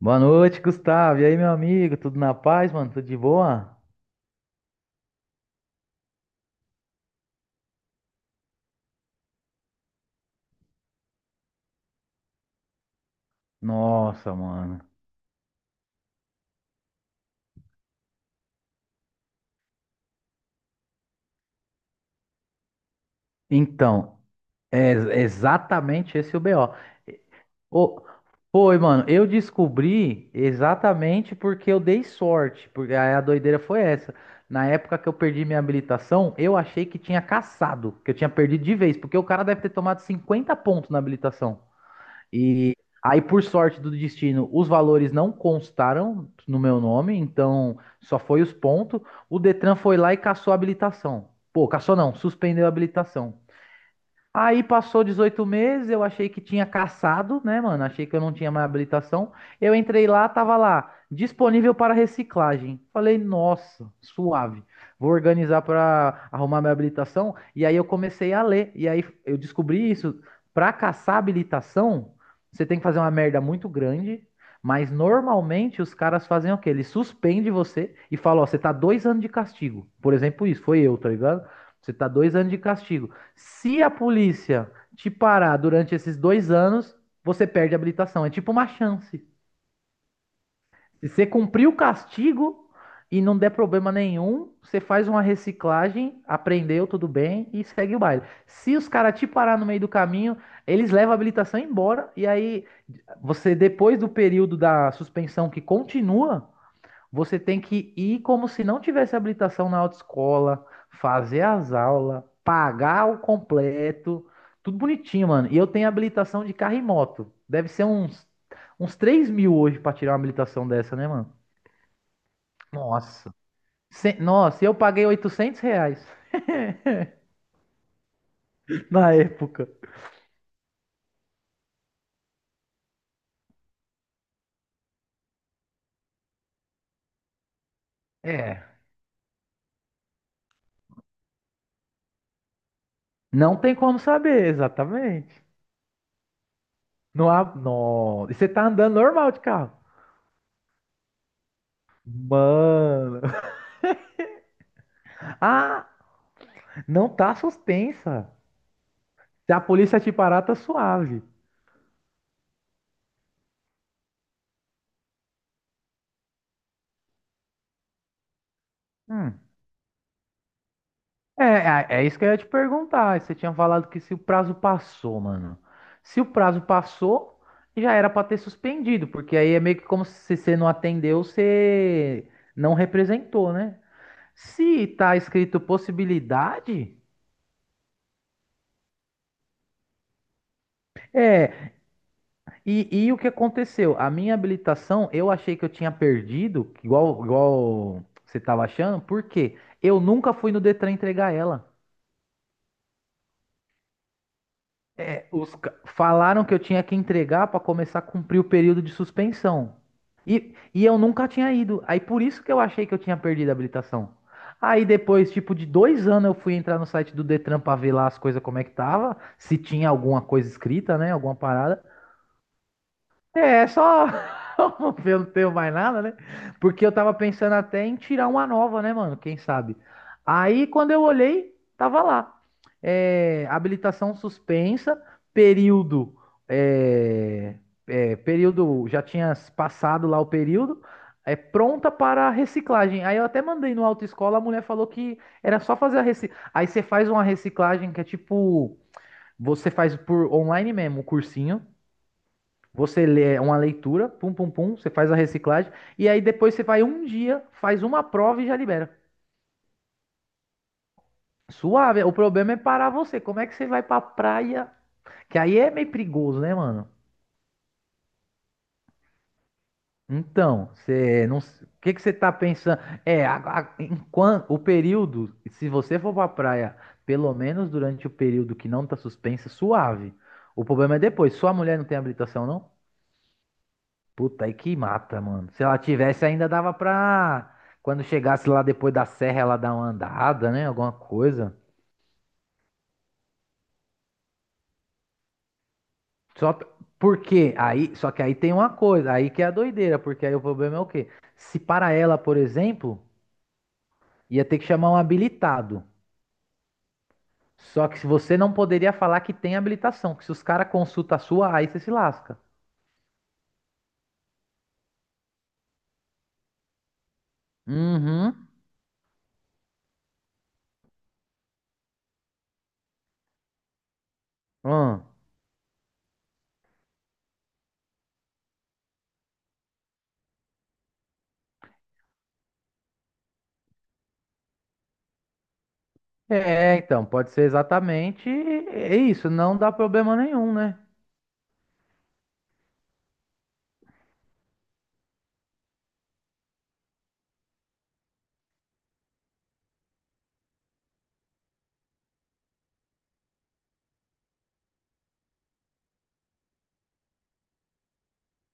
Boa noite, Gustavo. E aí, meu amigo? Tudo na paz, mano? Tudo de boa? Nossa, mano. Então, é exatamente esse o B. E- o- Ô, Foi, mano. Eu descobri exatamente porque eu dei sorte. Porque aí a doideira foi essa. Na época que eu perdi minha habilitação, eu achei que tinha caçado, que eu tinha perdido de vez, porque o cara deve ter tomado 50 pontos na habilitação. E aí, por sorte do destino, os valores não constaram no meu nome, então só foi os pontos. O Detran foi lá e cassou a habilitação. Pô, cassou não, suspendeu a habilitação. Aí passou 18 meses, eu achei que tinha caçado, né, mano? Achei que eu não tinha mais habilitação. Eu entrei lá, tava lá, disponível para reciclagem. Falei, nossa, suave. Vou organizar para arrumar minha habilitação. E aí eu comecei a ler. E aí eu descobri isso. Para caçar habilitação, você tem que fazer uma merda muito grande. Mas normalmente os caras fazem o quê? Eles suspendem você e falam, ó, você tá 2 anos de castigo. Por exemplo, isso, foi eu, tá ligado? Você tá dois anos de castigo. Se a polícia te parar durante esses 2 anos, você perde a habilitação. É tipo uma chance. Se você cumprir o castigo e não der problema nenhum, você faz uma reciclagem, aprendeu, tudo bem, e segue o baile. Se os caras te parar no meio do caminho, eles levam a habilitação embora, e aí você, depois do período da suspensão que continua, você tem que ir como se não tivesse habilitação na autoescola, fazer as aulas, pagar o completo, tudo bonitinho, mano. E eu tenho habilitação de carro e moto. Deve ser uns 3 mil hoje pra tirar uma habilitação dessa, né, mano? Nossa. Nossa, eu paguei R$ 800 na época. É, não tem como saber, exatamente. Não há. Não. E você tá andando normal de carro. Mano. Ah, não tá suspensa. Se a polícia te parar, tá suave. Hum. É isso que eu ia te perguntar. Você tinha falado que se o prazo passou, mano. Se o prazo passou, já era pra ter suspendido, porque aí é meio que como se você não atendeu, você não representou, né? Se tá escrito possibilidade, é. E o que aconteceu? A minha habilitação, eu achei que eu tinha perdido, igual você tava achando, porque eu nunca fui no Detran entregar ela. É, falaram que eu tinha que entregar para começar a cumprir o período de suspensão. E eu nunca tinha ido. Aí por isso que eu achei que eu tinha perdido a habilitação. Aí depois, tipo, de dois anos eu fui entrar no site do Detran para ver lá as coisas como é que tava, se tinha alguma coisa escrita, né? Alguma parada. É só eu não tenho mais nada, né? Porque eu tava pensando até em tirar uma nova, né, mano? Quem sabe? Aí quando eu olhei, tava lá. É, habilitação suspensa, período. É, é, período. Já tinha passado lá o período. É pronta para reciclagem. Aí eu até mandei no autoescola, a mulher falou que era só fazer a reciclagem. Aí você faz uma reciclagem que é tipo. Você faz por online mesmo, o cursinho. Você lê uma leitura, pum, pum, pum, você faz a reciclagem, e aí depois você vai um dia, faz uma prova e já libera. Suave, o problema é parar você. Como é que você vai pra praia? Que aí é meio perigoso, né, mano? Então, você não. O que que você tá pensando? É, enquanto o período, se você for pra praia, pelo menos durante o período que não tá suspensa, suave. O problema é depois. Sua mulher não tem habilitação, não? Puta, aí que mata, mano. Se ela tivesse, ainda dava pra. Quando chegasse lá depois da serra, ela dar uma andada, né? Alguma coisa. Só p- Porque aí, só que aí tem uma coisa, aí que é a doideira, porque aí o problema é o quê? Se para ela, por exemplo, ia ter que chamar um habilitado. Só que se você não poderia falar que tem habilitação, que se os caras consultam a sua, aí você se lasca. Uhum. Hum. É, então, pode ser exatamente é isso, não dá problema nenhum, né?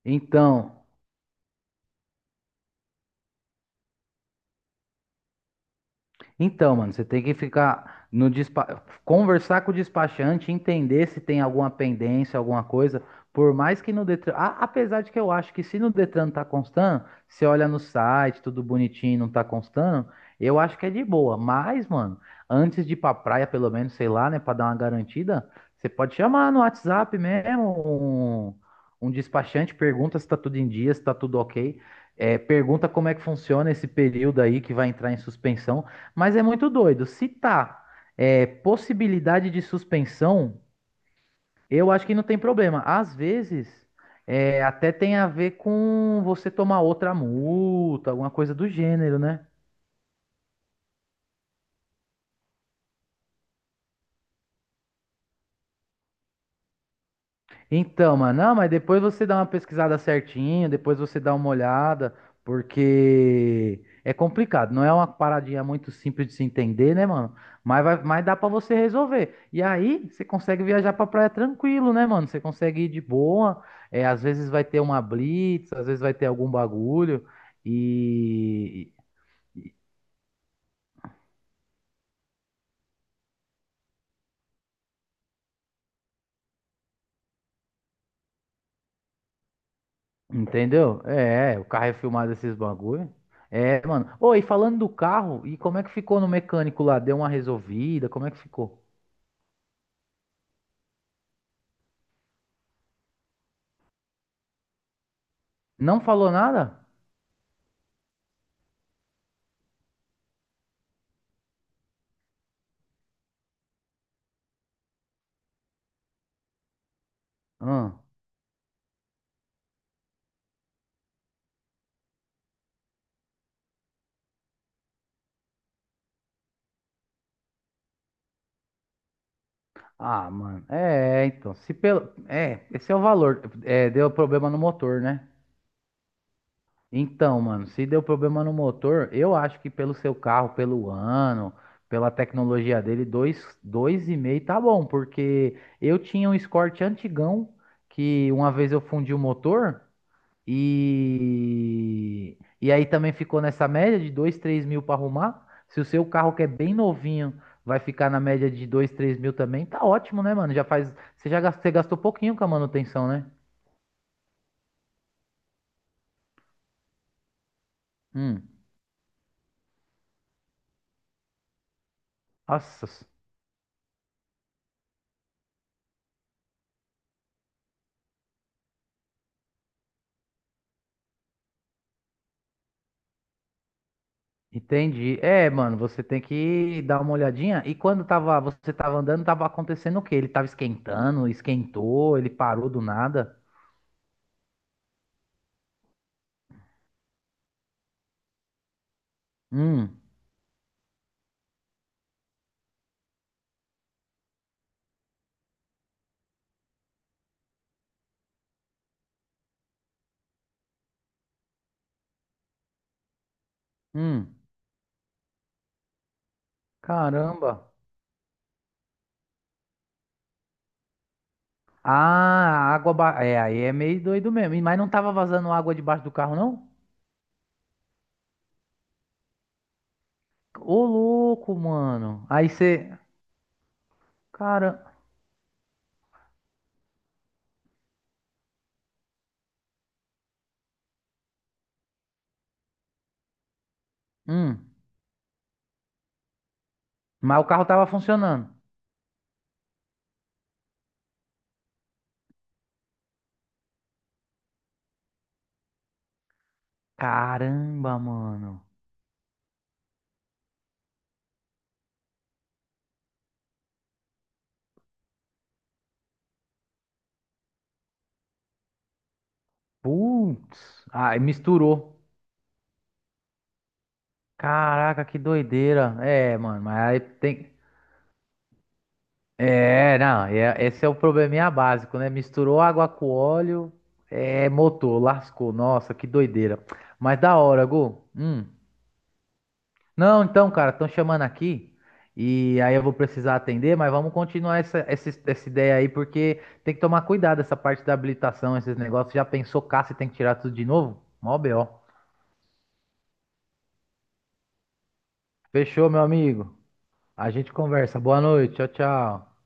Então, Então, mano, você tem que ficar no despa... conversar com o despachante, entender se tem alguma pendência, alguma coisa. Por mais que no Detran, apesar de que eu acho que se no Detran tá constando, você olha no site, tudo bonitinho, não tá constando, eu acho que é de boa. Mas, mano, antes de ir pra praia, pelo menos, sei lá, né, pra dar uma garantida, você pode chamar no WhatsApp mesmo um, despachante, pergunta se tá tudo em dia, se tá tudo ok. É, pergunta como é que funciona esse período aí que vai entrar em suspensão. Mas é muito doido. Se tá possibilidade de suspensão, eu acho que não tem problema. Às vezes, até tem a ver com você tomar outra multa, alguma coisa do gênero, né? Então, mano, não, mas depois você dá uma pesquisada certinho, depois você dá uma olhada, porque é complicado, não é uma paradinha muito simples de se entender, né, mano? Mas, vai, mas dá pra você resolver. E aí, você consegue viajar pra praia tranquilo, né, mano? Você consegue ir de boa, é, às vezes vai ter uma blitz, às vezes vai ter algum bagulho, e entendeu? É, o carro é filmado esses bagulho. É, mano. Ô, e falando do carro, e como é que ficou no mecânico lá? Deu uma resolvida? Como é que ficou? Não falou nada? Hum. Ah, mano. É, então. Se pelo... É, esse é o valor. É, deu problema no motor, né? Então, mano, se deu problema no motor, eu acho que pelo seu carro, pelo ano, pela tecnologia dele, dois, dois e meio tá bom, porque eu tinha um Escort antigão que uma vez eu fundi o motor. E aí também ficou nessa média de 2 3 mil para arrumar. Se o seu carro que é bem novinho vai ficar na média de 2 3 mil também, tá ótimo, né, mano? Já faz. Você já gastou, você gastou pouquinho com a manutenção, né? Hum. Nossa, entendi. É, mano, você tem que dar uma olhadinha. E quando tava, você tava andando, tava acontecendo o quê? Ele tava esquentando, esquentou, ele parou do nada. Hum, hum. Caramba. Ah, água. É, aí é meio doido mesmo. Mas não tava vazando água debaixo do carro, não? Ô, louco, mano. Aí você. Cara. Hum. Mas o carro tava funcionando. Caramba, mano. Putz. Aí misturou. Caraca, que doideira. É, mano, mas aí tem. É, não. Esse é o probleminha básico, né? Misturou água com óleo. É, motor, lascou. Nossa, que doideira. Mas da hora, Gu. Hum. Não, então, cara, estão chamando aqui e aí eu vou precisar atender, mas vamos continuar essa, essa, ideia aí, porque tem que tomar cuidado essa parte da habilitação, esses negócios. Já pensou caça e tem que tirar tudo de novo? Mó BO. Fechou, meu amigo. A gente conversa. Boa noite. Tchau, tchau.